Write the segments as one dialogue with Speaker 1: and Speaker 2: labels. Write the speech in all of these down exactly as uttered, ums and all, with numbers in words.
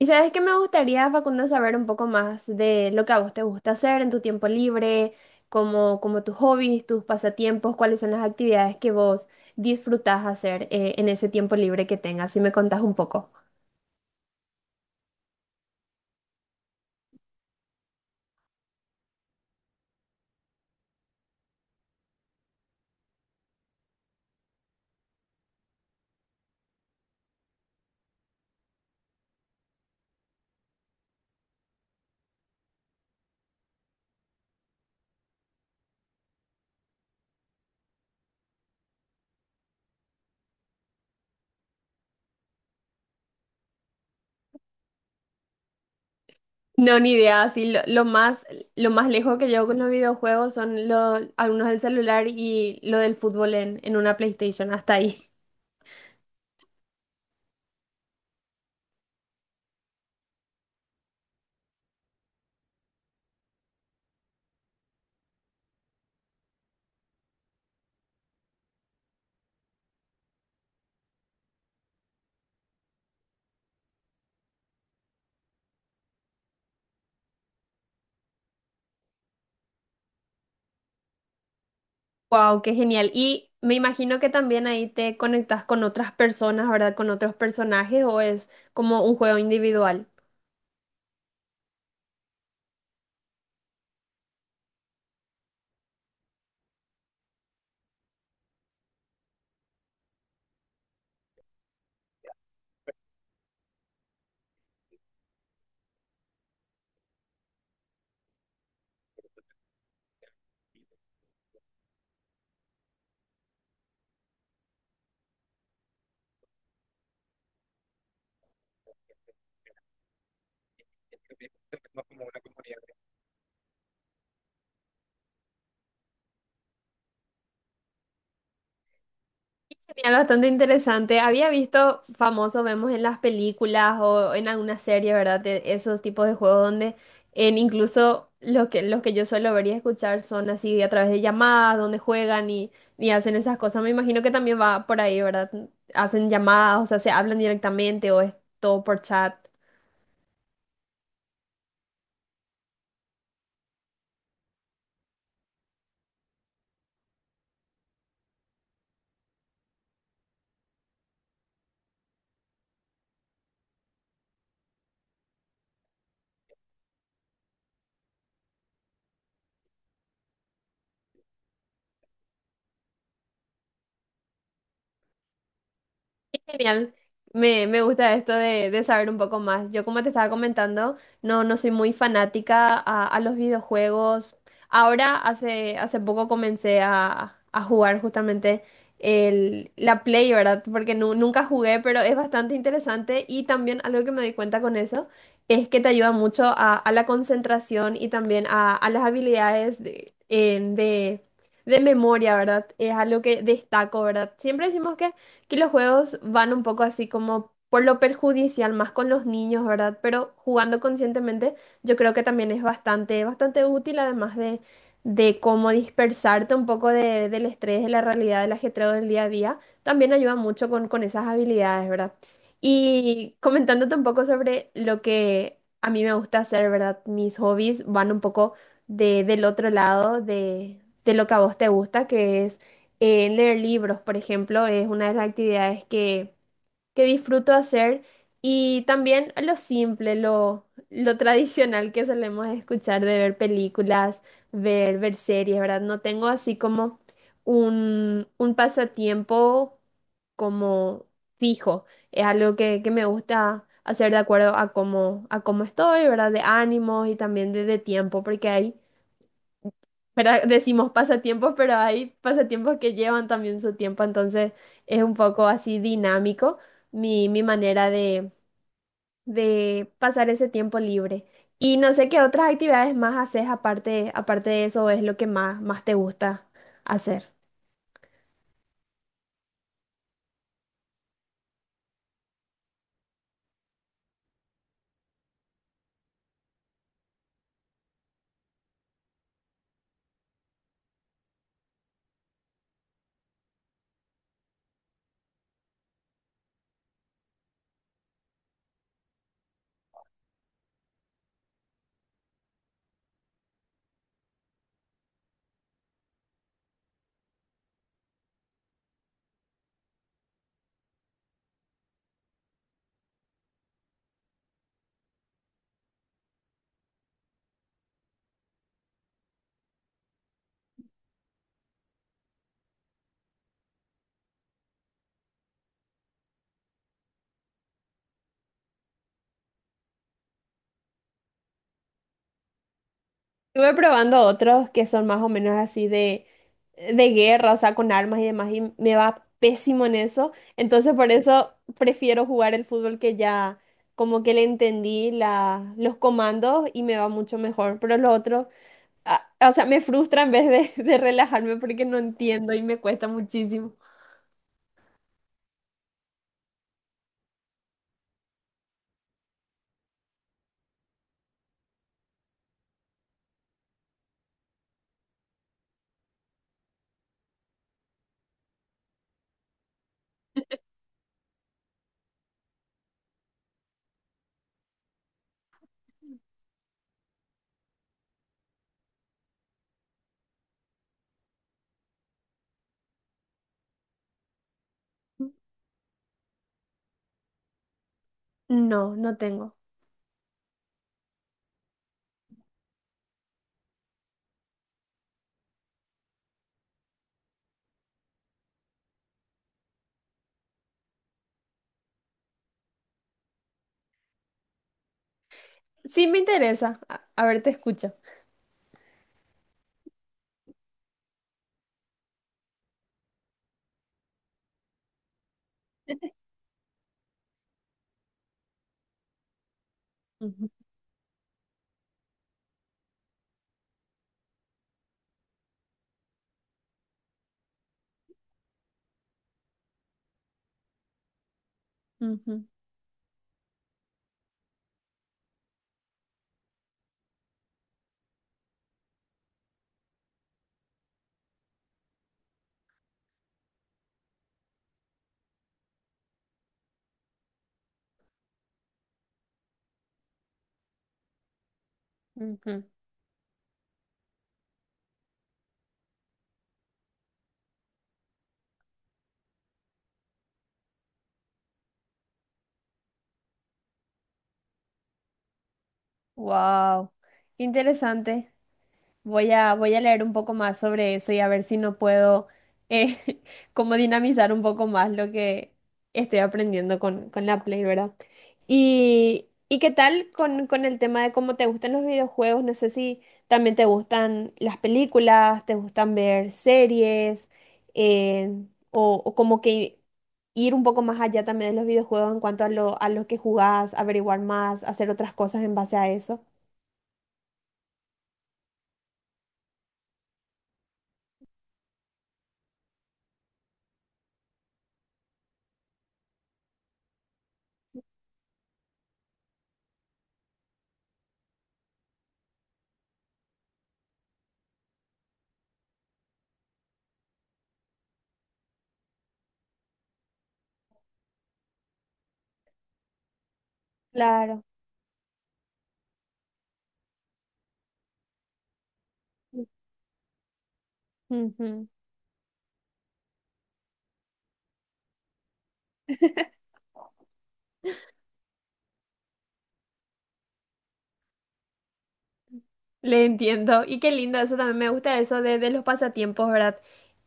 Speaker 1: Y sabes que me gustaría, Facundo, saber un poco más de lo que a vos te gusta hacer en tu tiempo libre, como, como tus hobbies, tus pasatiempos, cuáles son las actividades que vos disfrutás hacer eh, en ese tiempo libre que tengas, si me contás un poco. No, ni idea, así lo, lo más, lo más lejos que llevo con los videojuegos son lo- algunos del celular y lo del fútbol en, en una PlayStation, hasta ahí. Wow, qué genial. Y me imagino que también ahí te conectas con otras personas, ¿verdad? Con otros personajes o es como un juego individual. Genial, bastante interesante. Había visto famoso, vemos en las películas o en alguna serie, ¿verdad? De esos tipos de juegos donde en incluso los que, los que yo suelo ver y escuchar son así a través de llamadas, donde juegan y, y hacen esas cosas. Me imagino que también va por ahí, ¿verdad? Hacen llamadas, o sea, se hablan directamente o es todo por chat. Qué genial. Me, me gusta esto de, de saber un poco más. Yo, como te estaba comentando, no, no soy muy fanática a, a los videojuegos. Ahora, hace, hace poco comencé a, a jugar justamente el, la Play, ¿verdad? Porque nu- nunca jugué, pero es bastante interesante. Y también algo que me di cuenta con eso es que te ayuda mucho a, a la concentración y también a, a las habilidades de, en- de de memoria, ¿verdad? Es algo que destaco, ¿verdad? Siempre decimos que que los juegos van un poco así como por lo perjudicial, más con los niños, ¿verdad? Pero jugando conscientemente, yo creo que también es bastante, bastante útil, además de, de cómo dispersarte un poco de- del estrés, de la realidad, del ajetreo del día a día, también ayuda mucho con, con esas habilidades, ¿verdad? Y comentándote un poco sobre lo que a mí me gusta hacer, ¿verdad? Mis hobbies van un poco de, del otro lado de, de lo que a vos te gusta, que es eh, leer libros, por ejemplo, es una de las actividades que, que disfruto hacer. Y también lo simple, lo, lo tradicional que solemos escuchar de ver películas, ver, ver series, ¿verdad? No tengo así como un, un pasatiempo como fijo. Es algo que, que me gusta hacer de acuerdo a cómo, a cómo estoy, ¿verdad? De ánimos y también de, de tiempo, porque hay ¿verdad? Decimos pasatiempos, pero hay pasatiempos que llevan también su tiempo, entonces es un poco así dinámico mi, mi manera de, de pasar ese tiempo libre. Y no sé qué otras actividades más haces aparte, aparte de eso, es lo que más, más te gusta hacer. Estuve probando otros que son más o menos así de, de guerra, o sea, con armas y demás, y me va pésimo en eso. Entonces, por eso prefiero jugar el fútbol que ya como que le entendí la, los comandos y me va mucho mejor. Pero los otros, ah, o sea, me frustra en vez de, de relajarme porque no entiendo y me cuesta muchísimo. No, no tengo. Sí, me interesa. A, a ver, te escucho. Ujú, ujú, ujú. Wow, qué interesante. Voy a, voy a leer un poco más sobre eso y a ver si no puedo eh, como dinamizar un poco más lo que estoy aprendiendo con, con la Play, ¿verdad? Y ¿y qué tal con, con el tema de cómo te gustan los videojuegos? No sé si también te gustan las películas, te gustan ver series, eh, o, o como que ir un poco más allá también de los videojuegos en cuanto a lo, a lo que jugás, averiguar más, hacer otras cosas en base a eso. Claro. Ujú. Le entiendo. Y qué lindo, eso también me gusta eso de, de los pasatiempos, ¿verdad?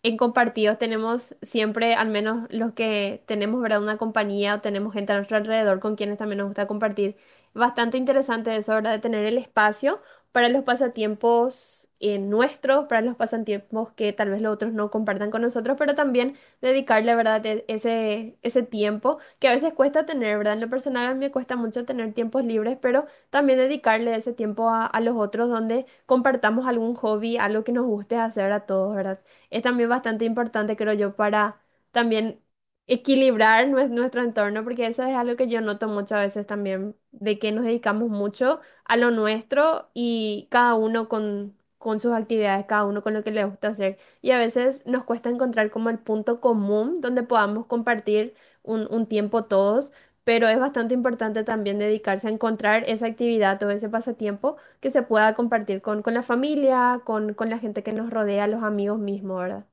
Speaker 1: En compartidos tenemos siempre, al menos los que tenemos, ¿verdad? Una compañía o tenemos gente a nuestro alrededor con quienes también nos gusta compartir. Bastante interesante eso, ¿verdad? De tener el espacio para los pasatiempos eh, nuestros, para los pasatiempos que tal vez los otros no compartan con nosotros, pero también dedicarle, ¿verdad? E- Ese, ese tiempo que a veces cuesta tener, ¿verdad? En lo personal a mí me cuesta mucho tener tiempos libres, pero también dedicarle ese tiempo a, a los otros donde compartamos algún hobby, algo que nos guste hacer a todos, ¿verdad? Es también bastante importante, creo yo, para también equilibrar nues- nuestro entorno, porque eso es algo que yo noto muchas veces también, de que nos dedicamos mucho a lo nuestro y cada uno con, con sus actividades, cada uno con lo que le gusta hacer. Y a veces nos cuesta encontrar como el punto común donde podamos compartir un, un tiempo todos pero es bastante importante también dedicarse a encontrar esa actividad o ese pasatiempo que se pueda compartir con, con la familia, con, con la gente que nos rodea, los amigos mismos, ¿verdad?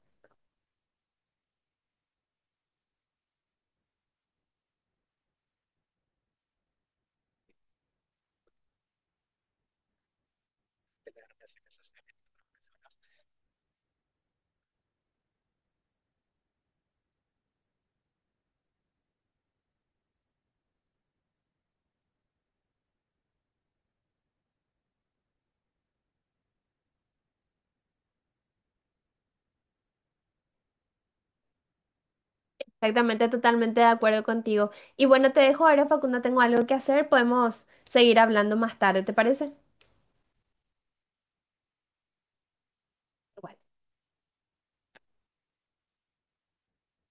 Speaker 1: Exactamente, totalmente de acuerdo contigo. Y bueno, te dejo ahora, Facundo, tengo algo que hacer, podemos seguir hablando más tarde, ¿te parece? Igual.